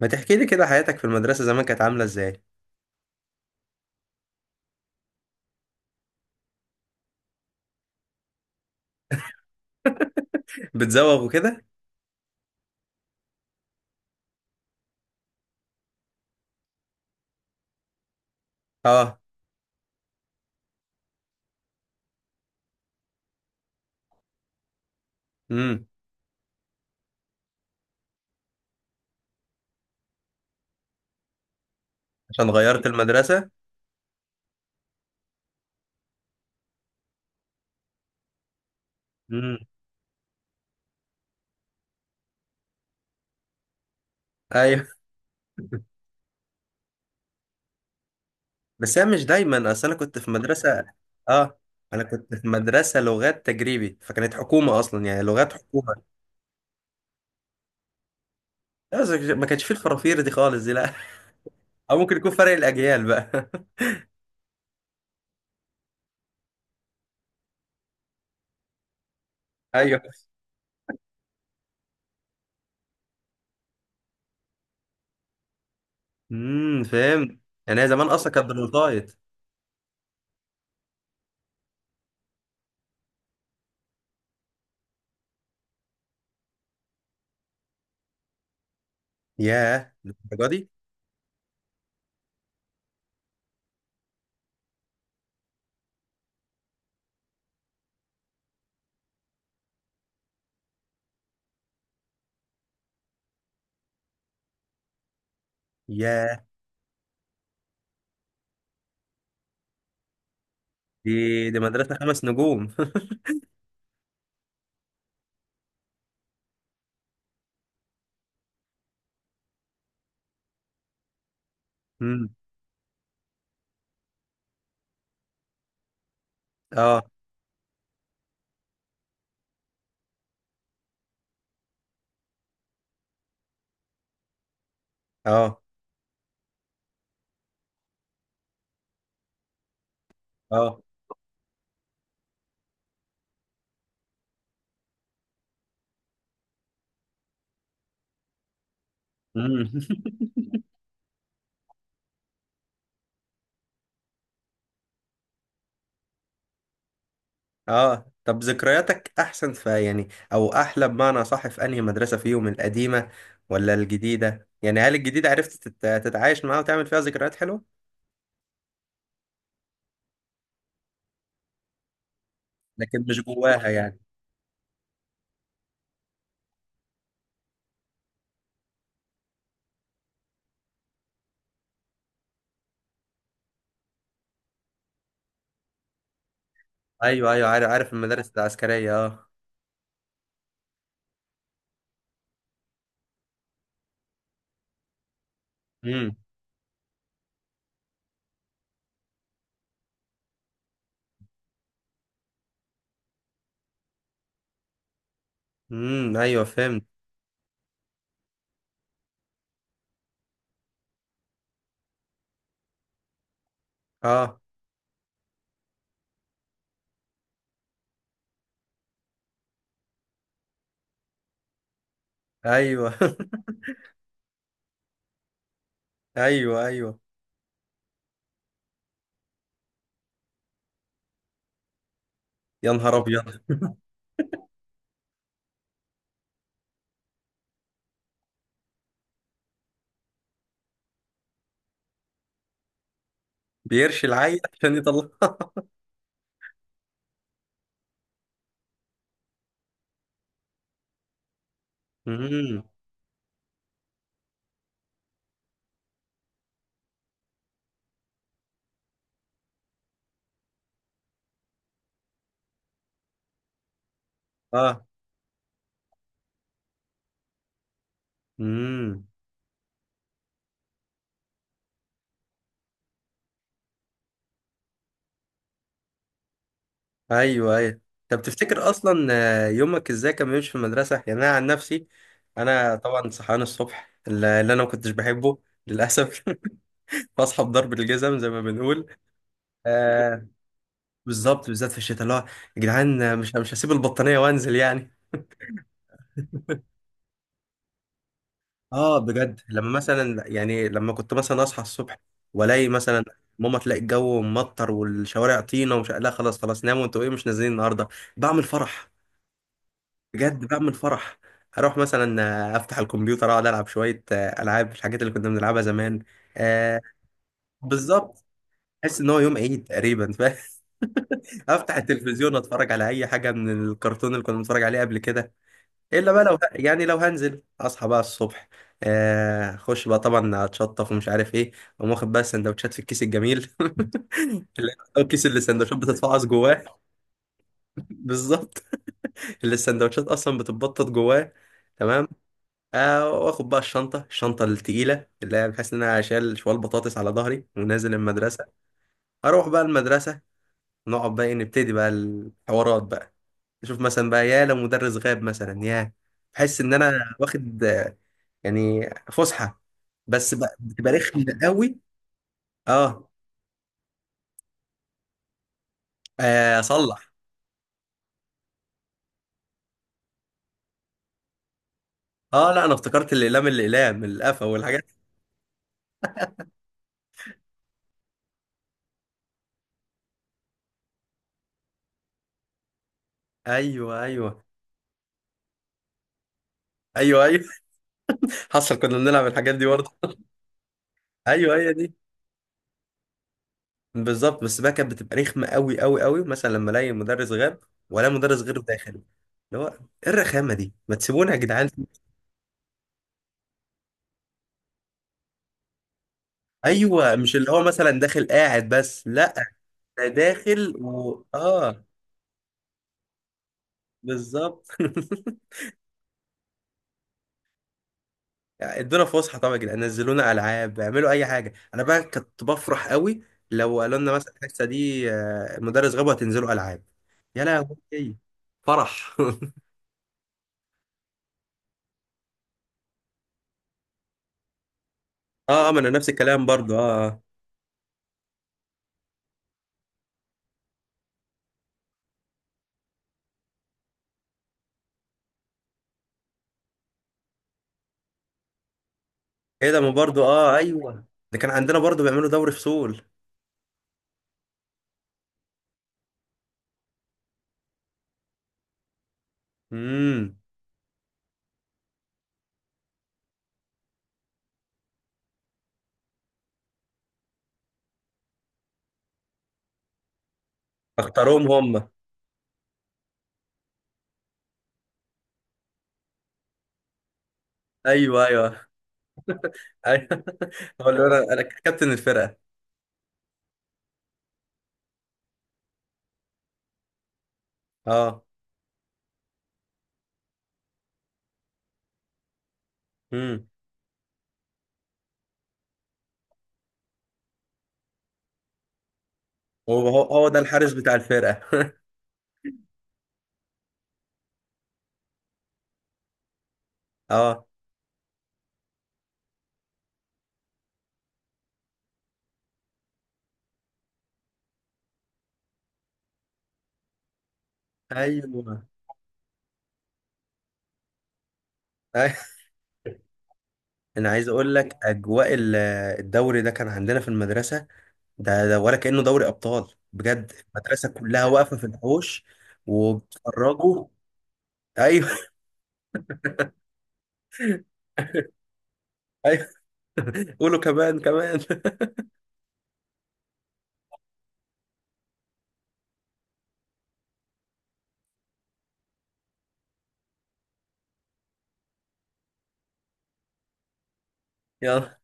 ما تحكي لي كده حياتك في المدرسة زمان كانت عاملة ازاي؟ بتزوغ وكده. اه. امم. عشان غيرت المدرسة؟ امم. ايوه. بس هي مش دايما، اصل انا كنت في مدرسة. اه. انا كنت في مدرسة لغات تجريبي، فكانت حكومة اصلا، يعني لغات حكومة. بس ما كانش فيه الفرافير دي خالص، دي لا. او ممكن يكون فرق الاجيال بقى. ايوه. امم، فهمت. يعني هي زمان اصلا كانت بالوسايط؟ ياه، للدرجة دي؟ ياه. دي دي مدرسة خمس نجوم. امم. اه. اه. اه. مم. اه، طب ذكرياتك احسن في، يعني، او احلى بمعنى صح، في انهي مدرسة فيهم، القديمة ولا الجديدة؟ يعني هل الجديدة عرفت تتعايش معاها وتعمل فيها ذكريات حلوة؟ لكن مش جواها، يعني. ايوه ايوه، عارف عارف المدارس العسكرية، اه. امم امم، ايوه، فهمت، اه، ايوه. ايوه ايوه. يا نهار ابيض! بيرشي العيل عشان يطلعها؟ امم. اه. امم. ايوه ايوه. طب تفتكر اصلا، يومك ازاي كان بيمشي في المدرسه؟ يعني انا عن نفسي، انا طبعا صحيان الصبح اللي انا ما كنتش بحبه للاسف. بصحى بضرب الجزم، زي ما بنقول. آه. بالظبط، بالذات في الشتاء، اللي هو، يا جدعان، مش هسيب البطانيه وانزل، يعني. اه، بجد لما مثلا، يعني لما كنت مثلا اصحى الصبح والاقي مثلا ماما تلاقي الجو ممطر والشوارع طينه ومش، لا خلاص خلاص، ناموا انتوا، ايه، مش نازلين النهارده، بعمل فرح. بجد بقى من الفرح، اروح مثلا، افتح الكمبيوتر، اقعد العب شويه، العاب، الحاجات اللي كنا بنلعبها زمان. آه. بالظبط. احس ان هو يوم عيد تقريبا، ف افتح التلفزيون، اتفرج على اي حاجه من الكرتون اللي كنا بنتفرج عليه قبل كده. الا بقى لو، يعني لو هنزل اصحى بقى الصبح، اخش بقى طبعا، اتشطف ومش عارف ايه، اقوم واخد بقى السندوتشات في الكيس الجميل. اللي هو الكيس، اللي السندوتشات بتتفعص جواه. بالظبط، اللي السندوتشات اصلا بتتبطط جواه. تمام. واخد بقى الشنطة، الشنطة التقيلة اللي هي بحيث إن أنا أشيل شوال بطاطس على ظهري ونازل المدرسة. أروح بقى المدرسة ونقعد بقى، إيه، نبتدي بقى الحوارات بقى، نشوف مثلا بقى، يا لو مدرس غاب مثلا، يا بحس إن أنا واخد، يعني، فسحة، بس بقى بتبقى رخمة قوي. أه. أصلح. أه، لا، أنا افتكرت الأقلام، الأقلام القفا والحاجات. أيوه أيوه. أيوه أيوه. حصل كنا بنلعب الحاجات دي برضه. أيوه، هي دي، بالظبط. بس بقى كانت بتبقى رخمه قوي قوي قوي، مثلا لما الاقي مدرس غاب ولا مدرس غيره داخل، اللي هو ايه، الرخامه دي! ما تسيبونا يا جدعان. ايوه، مش اللي هو مثلا داخل قاعد بس، لا، ده داخل و اه. بالظبط. يعني ادونا فسحه طبعا، يا جدعان نزلونا العاب، اعملوا اي حاجه. انا بقى كنت بفرح قوي لو قالوا لنا مثلا الحصه دي المدرس غاب، هتنزلوا العاب. يا لهوي! فرح. اه، ما انا نفس الكلام برضو، اه. آه. ايه ده؟ ما برضو، اه، ايوه. ده كان عندنا برضو بيعملوا دوري فصول. امم. اختاروهم هم؟ ايوه ايوه. ايوه. هو اللي، انا كابتن الفرقه. اه. امم. هو هو هو ده الحارس بتاع الفرقه. اه. ايوه. أي- انا عايز اقول لك، اجواء الدوري ده كان عندنا في المدرسه. ده ولا كانه دوري ابطال بجد، المدرسه كلها واقفه في الحوش وبتتفرجوا. ايوه. ايوه، قولوا كمان كمان. يلا.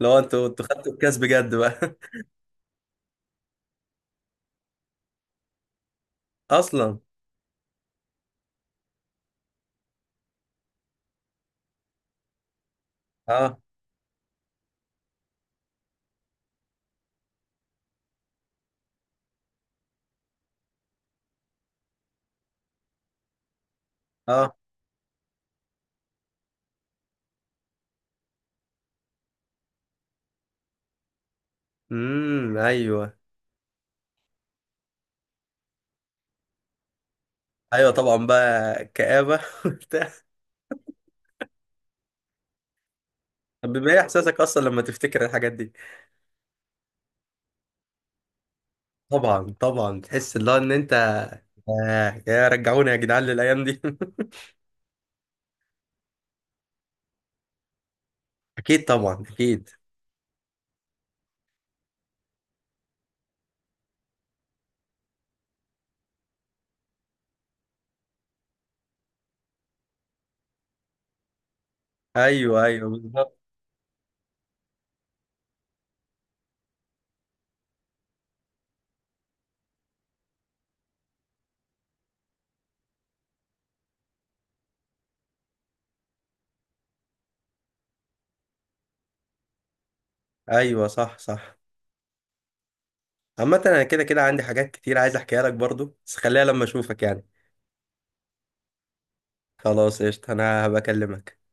لو انتوا خدتوا الكاس بجد بقى؟ اصلا. اه. اه. امم. ايوه ايوه. طبعا بقى كآبة، وبتاع. طب بيبقى ايه احساسك اصلا لما تفتكر الحاجات دي؟ طبعا طبعا، تحس اللي هو ان انت، آه، يا رجعوني يا جدعان للايام دي! اكيد، طبعا اكيد. ايوه ايوه، بالظبط. ايوه، صح صح. عامة انا كده كده عندي حاجات كتير عايز احكيها لك برضو، بس خليها لما اشوفك، يعني. خلاص، قشطة، انا هبقى اكلمك.